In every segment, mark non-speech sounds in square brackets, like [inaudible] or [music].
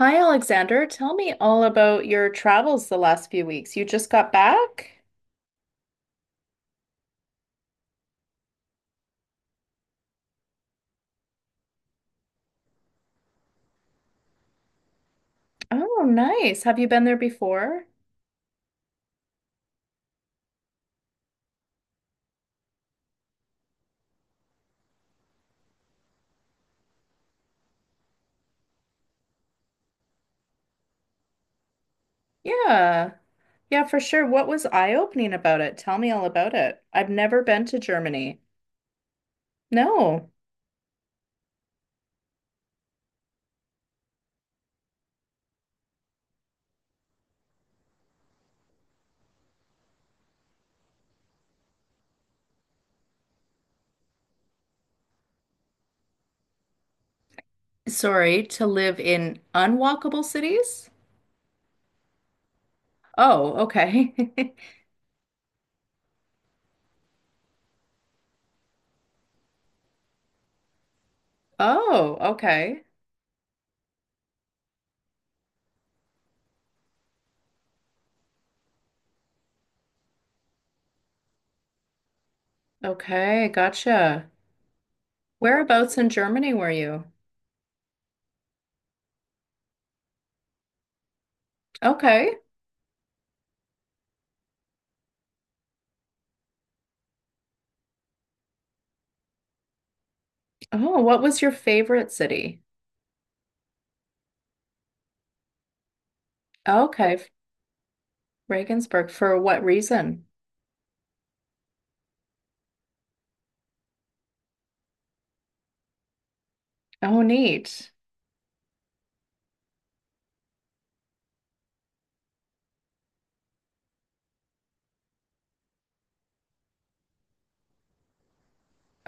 Hi, Alexander. Tell me all about your travels the last few weeks. You just got back? Oh, nice. Have you been there before? Yeah. Yeah, for sure. What was eye-opening about it? Tell me all about it. I've never been to Germany. No. Sorry, to live in unwalkable cities? Oh, okay. [laughs] Oh, okay. Okay, gotcha. Whereabouts in Germany were you? Okay. Oh, what was your favorite city? Okay, Regensburg for what reason? Oh, neat.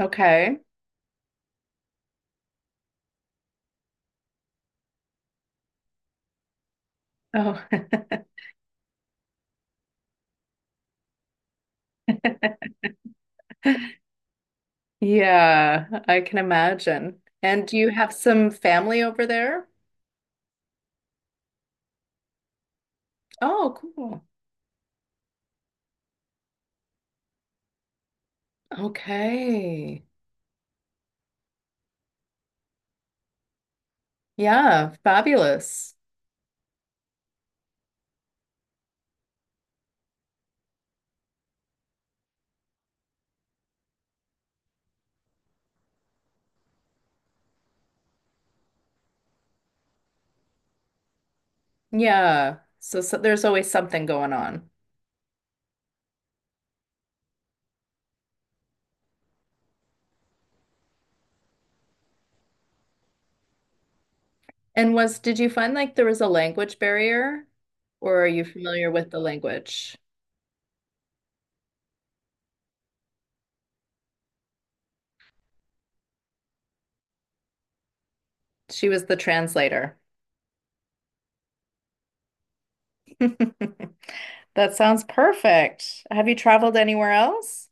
Okay. Oh, [laughs] yeah, I can imagine. And do you have some family over there? Oh, cool. Okay. Yeah, fabulous. Yeah. So there's always something going on. And did you find like there was a language barrier, or are you familiar with the language? She was the translator. [laughs] That sounds perfect. Have you traveled anywhere else?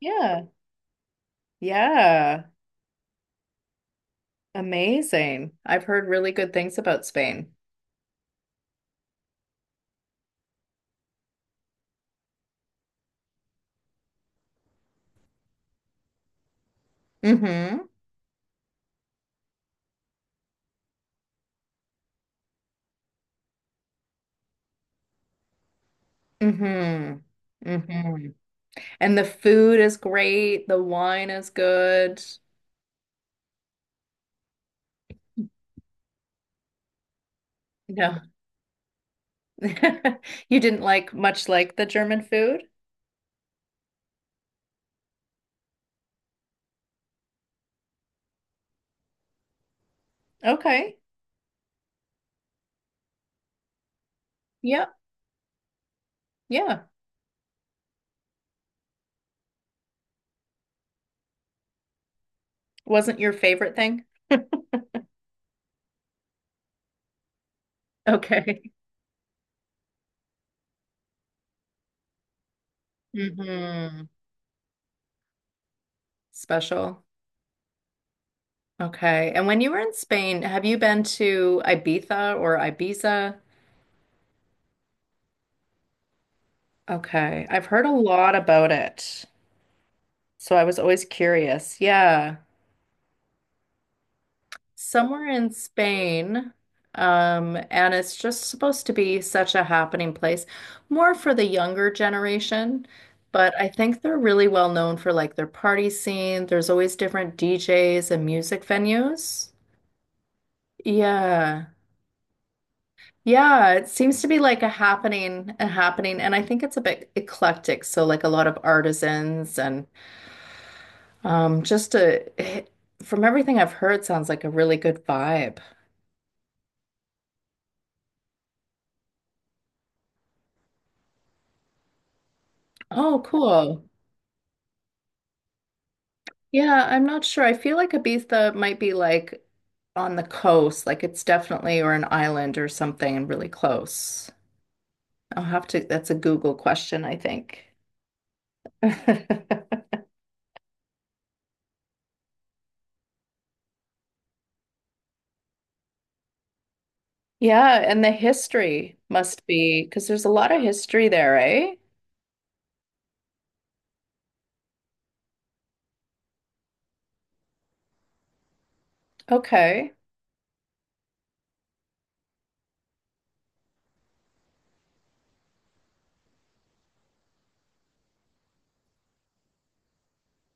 Yeah. Yeah. Amazing. I've heard really good things about Spain. Mm-hmm. Mm-hmm. Mm-hmm. And the food is great. The wine is good. No. [laughs] You didn't like much like the German food? Okay. Yeah. Yeah. Wasn't your favorite thing? [laughs] Okay. Mm-hmm. Special. Okay. And when you were in Spain, have you been to Ibiza or Ibiza? Okay. I've heard a lot about it. So I was always curious. Yeah. Somewhere in Spain. And it's just supposed to be such a happening place, more for the younger generation. But I think they're really well known for like their party scene. There's always different DJs and music venues. Yeah. Yeah, it seems to be like a happening, and I think it's a bit eclectic. So like a lot of artisans and just from everything I've heard, sounds like a really good vibe. Oh, cool. Yeah, I'm not sure. I feel like Ibiza might be like on the coast, like it's definitely or an island or something really close. I'll have to, that's a Google question, I think. [laughs] Yeah, and the history must be because there's a lot of history there, right? Okay.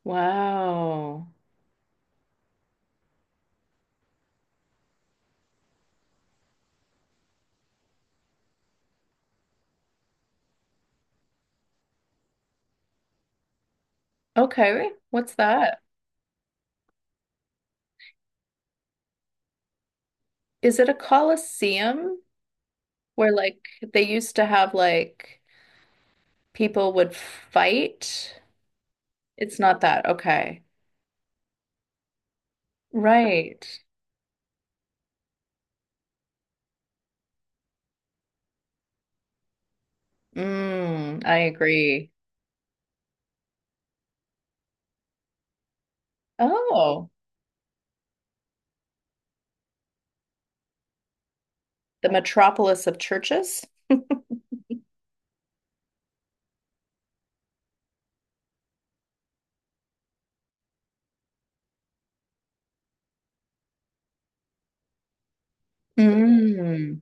Wow. Okay. What's that? Is it a coliseum where like they used to have like people would fight? It's not that. Okay. Right. Mm, I agree. Oh, the metropolis of churches? Mm,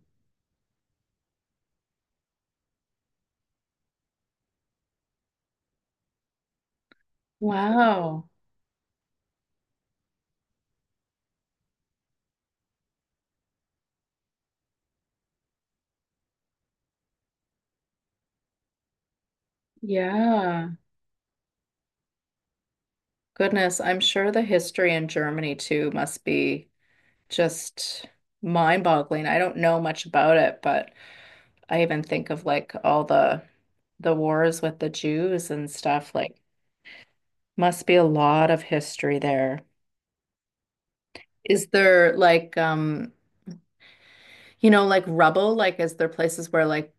wow. Yeah. Goodness, I'm sure the history in Germany too must be just mind-boggling. I don't know much about it, but I even think of like all the wars with the Jews and stuff. Like, must be a lot of history there. Is there like you know, like rubble? Like, is there places where like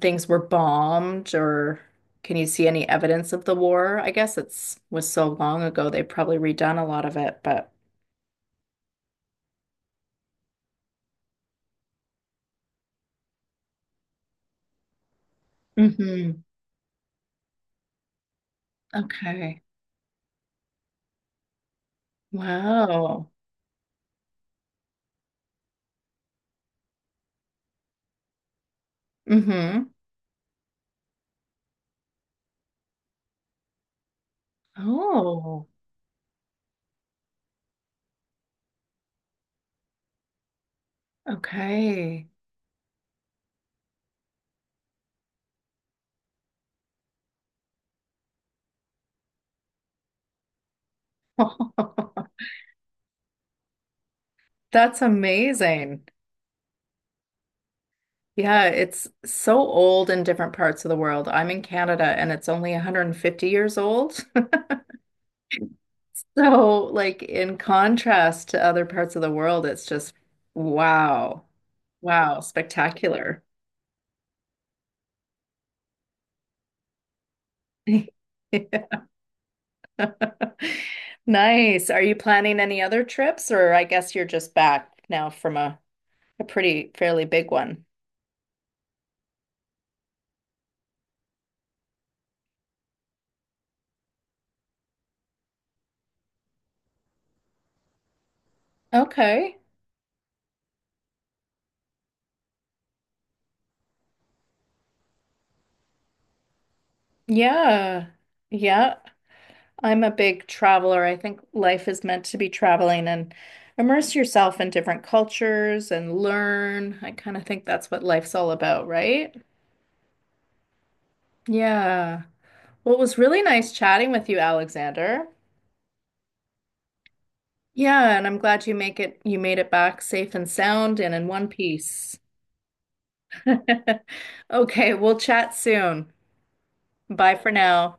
things were bombed or can you see any evidence of the war? I guess it's was so long ago they probably redone a lot of it, but hmm. Okay. Wow. Mm-hmm. Oh, okay. [laughs] That's amazing. Yeah, it's so old in different parts of the world. I'm in Canada and it's only 150 years old. So, like in contrast to other parts of the world, it's just wow, wow, spectacular. [laughs] Nice. Are you planning any other trips, or I guess you're just back now from a pretty fairly big one? Okay. Yeah. Yeah. I'm a big traveler. I think life is meant to be traveling and immerse yourself in different cultures and learn. I kind of think that's what life's all about, right? Yeah. Well, it was really nice chatting with you, Alexander. Yeah, and I'm glad you make it you made it back safe and sound and in one piece. [laughs] Okay, we'll chat soon. Bye for now.